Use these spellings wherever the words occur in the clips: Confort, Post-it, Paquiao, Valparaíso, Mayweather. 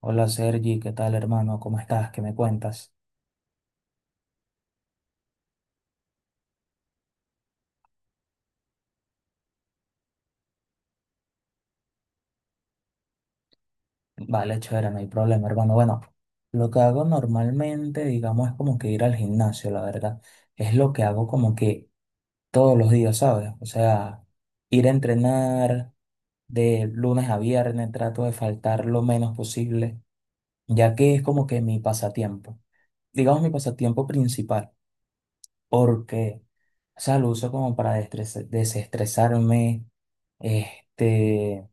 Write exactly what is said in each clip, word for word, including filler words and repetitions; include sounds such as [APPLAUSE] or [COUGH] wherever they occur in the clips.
Hola Sergi, ¿qué tal hermano? ¿Cómo estás? ¿Qué me cuentas? Vale, chévere, no hay problema hermano. Bueno, lo que hago normalmente, digamos, es como que ir al gimnasio, la verdad. Es lo que hago como que todos los días, ¿sabes? O sea, ir a entrenar de lunes a viernes, trato de faltar lo menos posible, ya que es como que mi pasatiempo, digamos mi pasatiempo principal, porque, o sea, lo uso como para destres- desestresarme, este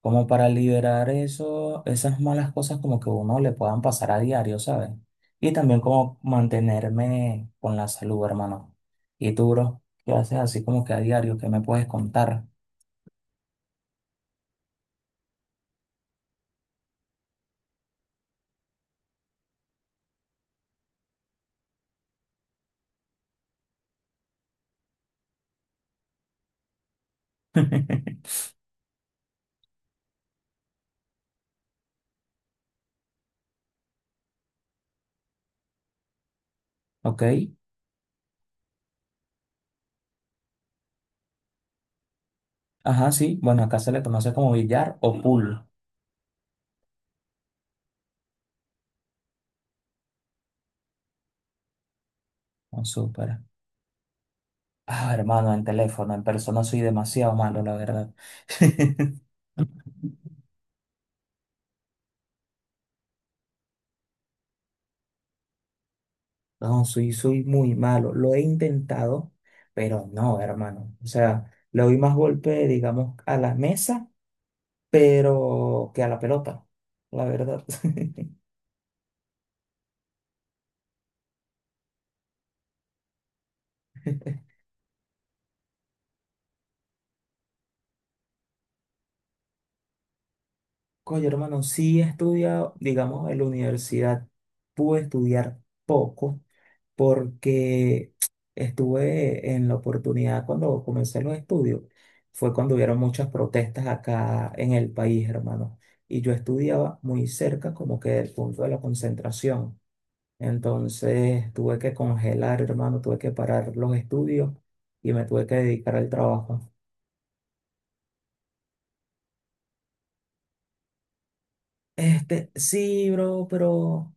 como para liberar eso, esas malas cosas como que uno le puedan pasar a diario, ¿sabes? Y también como mantenerme con la salud, hermano. Y tú, bro, ¿qué haces así como que a diario? ¿Qué me puedes contar? [LAUGHS] ¿Ok? Ajá, sí. Bueno, acá se le conoce como billar o pool. Oh, súper. Ah, hermano, en teléfono, en persona soy demasiado malo, la verdad. [LAUGHS] No, soy, soy muy malo. Lo he intentado, pero no, hermano. O sea, le doy más golpe, digamos, a la mesa pero que a la pelota, la verdad. [LAUGHS] Coño, hermano, sí he estudiado, digamos, en la universidad pude estudiar poco porque estuve en la oportunidad cuando comencé los estudios, fue cuando hubieron muchas protestas acá en el país, hermano, y yo estudiaba muy cerca como que del punto de la concentración. Entonces tuve que congelar, hermano, tuve que parar los estudios y me tuve que dedicar al trabajo. Este, sí, bro, pero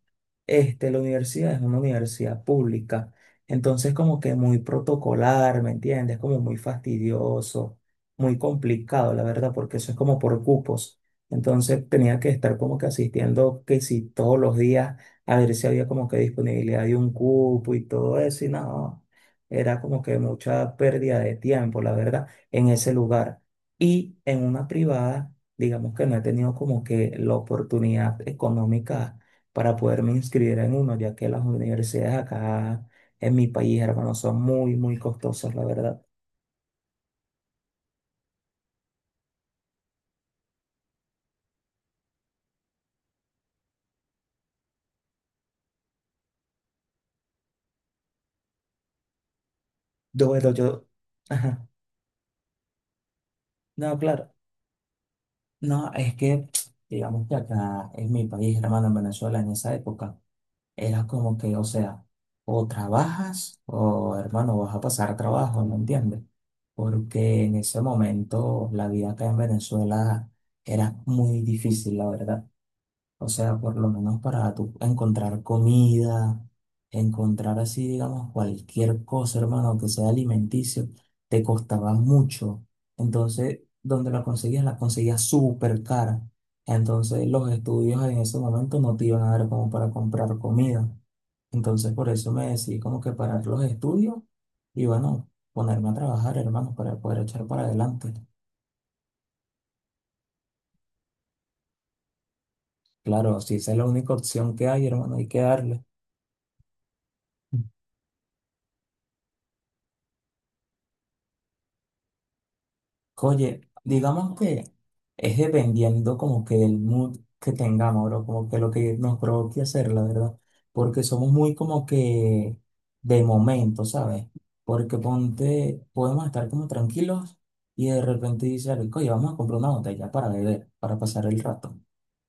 este, la universidad es una universidad pública, entonces como que muy protocolar, ¿me entiendes? Como muy fastidioso, muy complicado, la verdad, porque eso es como por cupos. Entonces tenía que estar como que asistiendo, que si todos los días, a ver si había como que disponibilidad de un cupo y todo eso, y no, era como que mucha pérdida de tiempo, la verdad, en ese lugar. Y en una privada digamos que no he tenido como que la oportunidad económica para poderme inscribir en uno, ya que las universidades acá en mi país, hermano, son muy, muy costosas, la verdad. Yo, bueno, yo, ajá, no, claro, no, es que, [TSK] digamos que acá en mi país, hermano, en Venezuela, en esa época, era como que, o sea, o trabajas o, hermano, vas a pasar trabajo, ¿me entiendes? Porque en ese momento la vida acá en Venezuela era muy difícil, la verdad. O sea, por lo menos para tú encontrar comida, encontrar así, digamos, cualquier cosa, hermano, que sea alimenticio, te costaba mucho. Entonces, donde la conseguías, la conseguías súper cara. Entonces, los estudios en ese momento no te iban a dar como para comprar comida. Entonces, por eso me decidí como que parar los estudios y bueno, ponerme a trabajar, hermano, para poder echar para adelante. Claro, si esa es la única opción que hay, hermano, hay que darle. Oye, digamos que es dependiendo como que del mood que tengamos, bro, como que lo que nos provoque hacer, la verdad, porque somos muy como que de momento, ¿sabes? Porque ponte, podemos estar como tranquilos y de repente dice alguien, oye, vamos a comprar una botella para beber, para pasar el rato.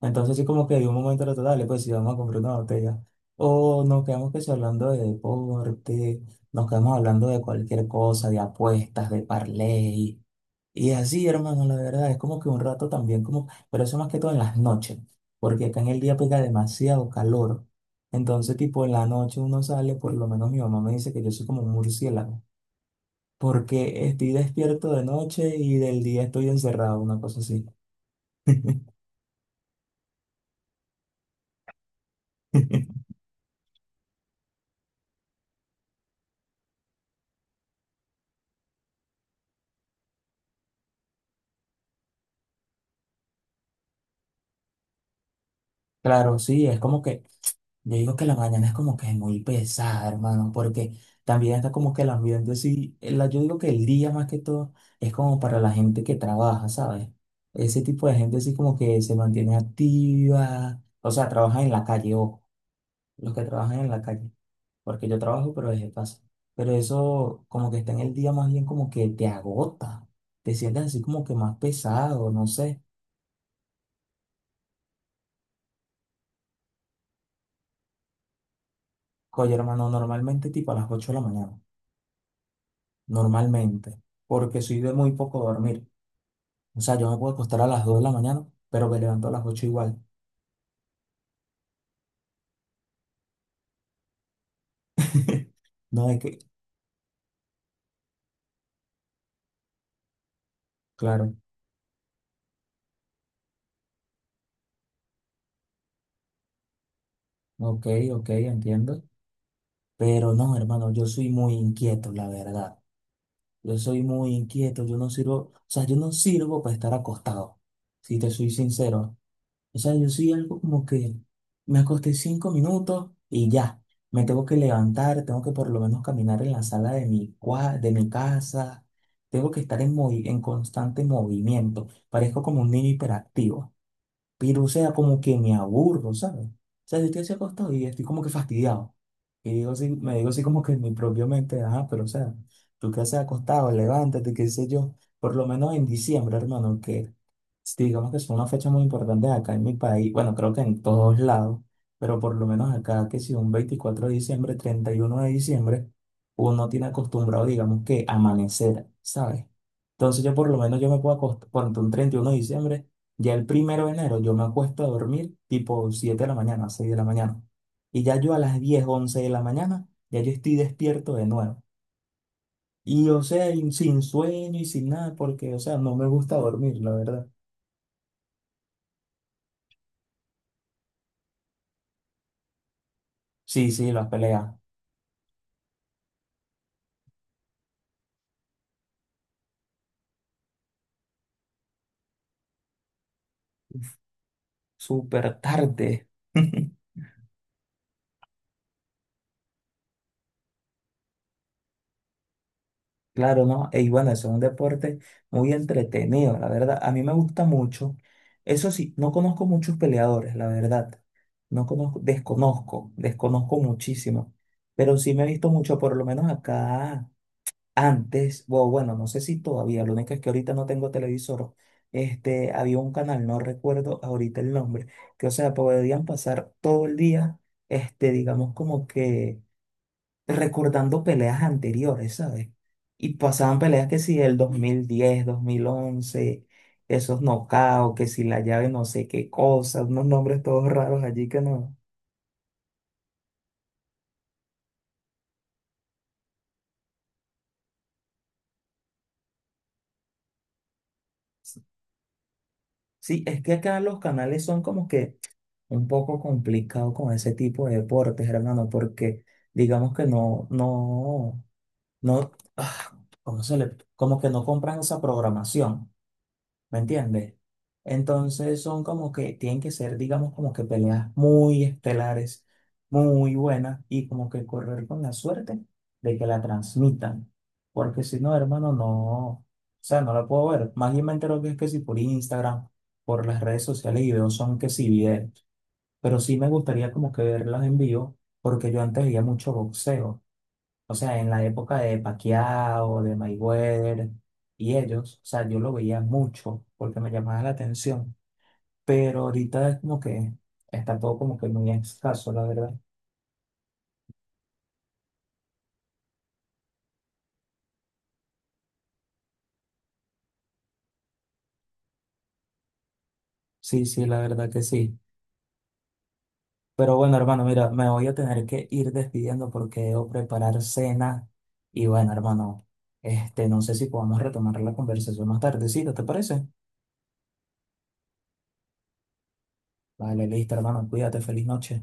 Entonces sí como que de un momento al otro, dale, pues sí, vamos a comprar una botella. O nos quedamos que sí hablando de deporte, nos quedamos hablando de cualquier cosa, de apuestas, de parlay. Y así, hermano, la verdad, es como que un rato también, como, pero eso más que todo en las noches, porque acá en el día pega demasiado calor. Entonces, tipo, en la noche uno sale, por lo menos mi mamá me dice que yo soy como un murciélago, porque estoy despierto de noche y del día estoy encerrado, una cosa así. [LAUGHS] Claro, sí, es como que yo digo que la mañana es como que muy pesada, hermano, porque también está como que el ambiente, sí, el- yo digo que el día más que todo es como para la gente que trabaja, ¿sabes? Ese tipo de gente sí como que se mantiene activa, o sea, trabaja en la calle, ojo, los que trabajan en la calle, porque yo trabajo pero desde casa, pero eso como que está en el día más bien como que te agota, te sientes así como que más pesado, no sé. Oye, hermano, normalmente tipo a las ocho de la mañana, normalmente porque soy de muy poco dormir. O sea, yo me puedo acostar a las dos de la mañana, pero me levanto a las ocho igual. [LAUGHS] No es que, claro, ok, ok, entiendo. Pero no, hermano, yo soy muy inquieto, la verdad. Yo soy muy inquieto, yo no sirvo, o sea, yo no sirvo para estar acostado, si te soy sincero. O sea, yo soy algo como que me acosté cinco minutos y ya. Me tengo que levantar, tengo que por lo menos caminar en la sala de mi, cua- de mi casa. Tengo que estar en, movi- en constante movimiento. Parezco como un niño hiperactivo. Pero, o sea, como que me aburro, ¿sabes? O sea, yo estoy así acostado y estoy como que fastidiado. Y digo así, me digo así como que en mi propia mente, ajá, pero, o sea, tú qué haces acostado, levántate, qué sé yo. Por lo menos en diciembre, hermano, que digamos que es una fecha muy importante acá en mi país, bueno, creo que en todos lados, pero por lo menos acá, que si un veinticuatro de diciembre, treinta y uno de diciembre, uno tiene acostumbrado, digamos que amanecer, ¿sabes? Entonces yo por lo menos yo me puedo acostar, por un treinta y uno de diciembre. Ya el primero de enero yo me acuesto a dormir tipo siete de la mañana, seis de la mañana. Y ya yo a las diez once de la mañana, ya yo estoy despierto de nuevo. Y o sea, y sin sueño y sin nada, porque o sea, no me gusta dormir, la verdad. Sí, sí, las peleas. Súper tarde. [LAUGHS] Claro, ¿no? Y bueno, eso es un deporte muy entretenido, la verdad. A mí me gusta mucho. Eso sí, no conozco muchos peleadores, la verdad. No conozco, desconozco, desconozco muchísimo. Pero sí me he visto mucho, por lo menos acá antes, o bueno, no sé si todavía, lo único es que ahorita no tengo televisor. Este, había un canal, no recuerdo ahorita el nombre, que o sea, podían pasar todo el día, este, digamos como que recordando peleas anteriores, ¿sabes? Y pasaban peleas que si el dos mil diez, dos mil once, esos knockouts, que si la llave no sé qué cosa, unos nombres todos raros allí que no. Sí, es que acá los canales son como que un poco complicados con ese tipo de deportes, hermano, porque digamos que no, no, no, ah, ¿cómo se le, como que no compran esa programación. ¿Me entiendes? Entonces son como que tienen que ser, digamos, como que peleas muy estelares, muy buenas y como que correr con la suerte de que la transmitan. Porque si no, hermano, no, o sea, no la puedo ver. Más bien me entero que es que si por Instagram, por las redes sociales y veo son que sí videos. Pero sí me gustaría como que verlas en vivo porque yo antes veía mucho boxeo. O sea, en la época de Paquiao, de Mayweather y ellos, o sea, yo lo veía mucho porque me llamaba la atención, pero ahorita es como que está todo como que muy escaso, la verdad. Sí, sí, la verdad que sí. Pero bueno, hermano, mira, me voy a tener que ir despidiendo porque debo preparar cena. Y bueno, hermano, este, no sé si podamos retomar la conversación más tardecita, ¿te parece? Vale, listo, hermano, cuídate, feliz noche.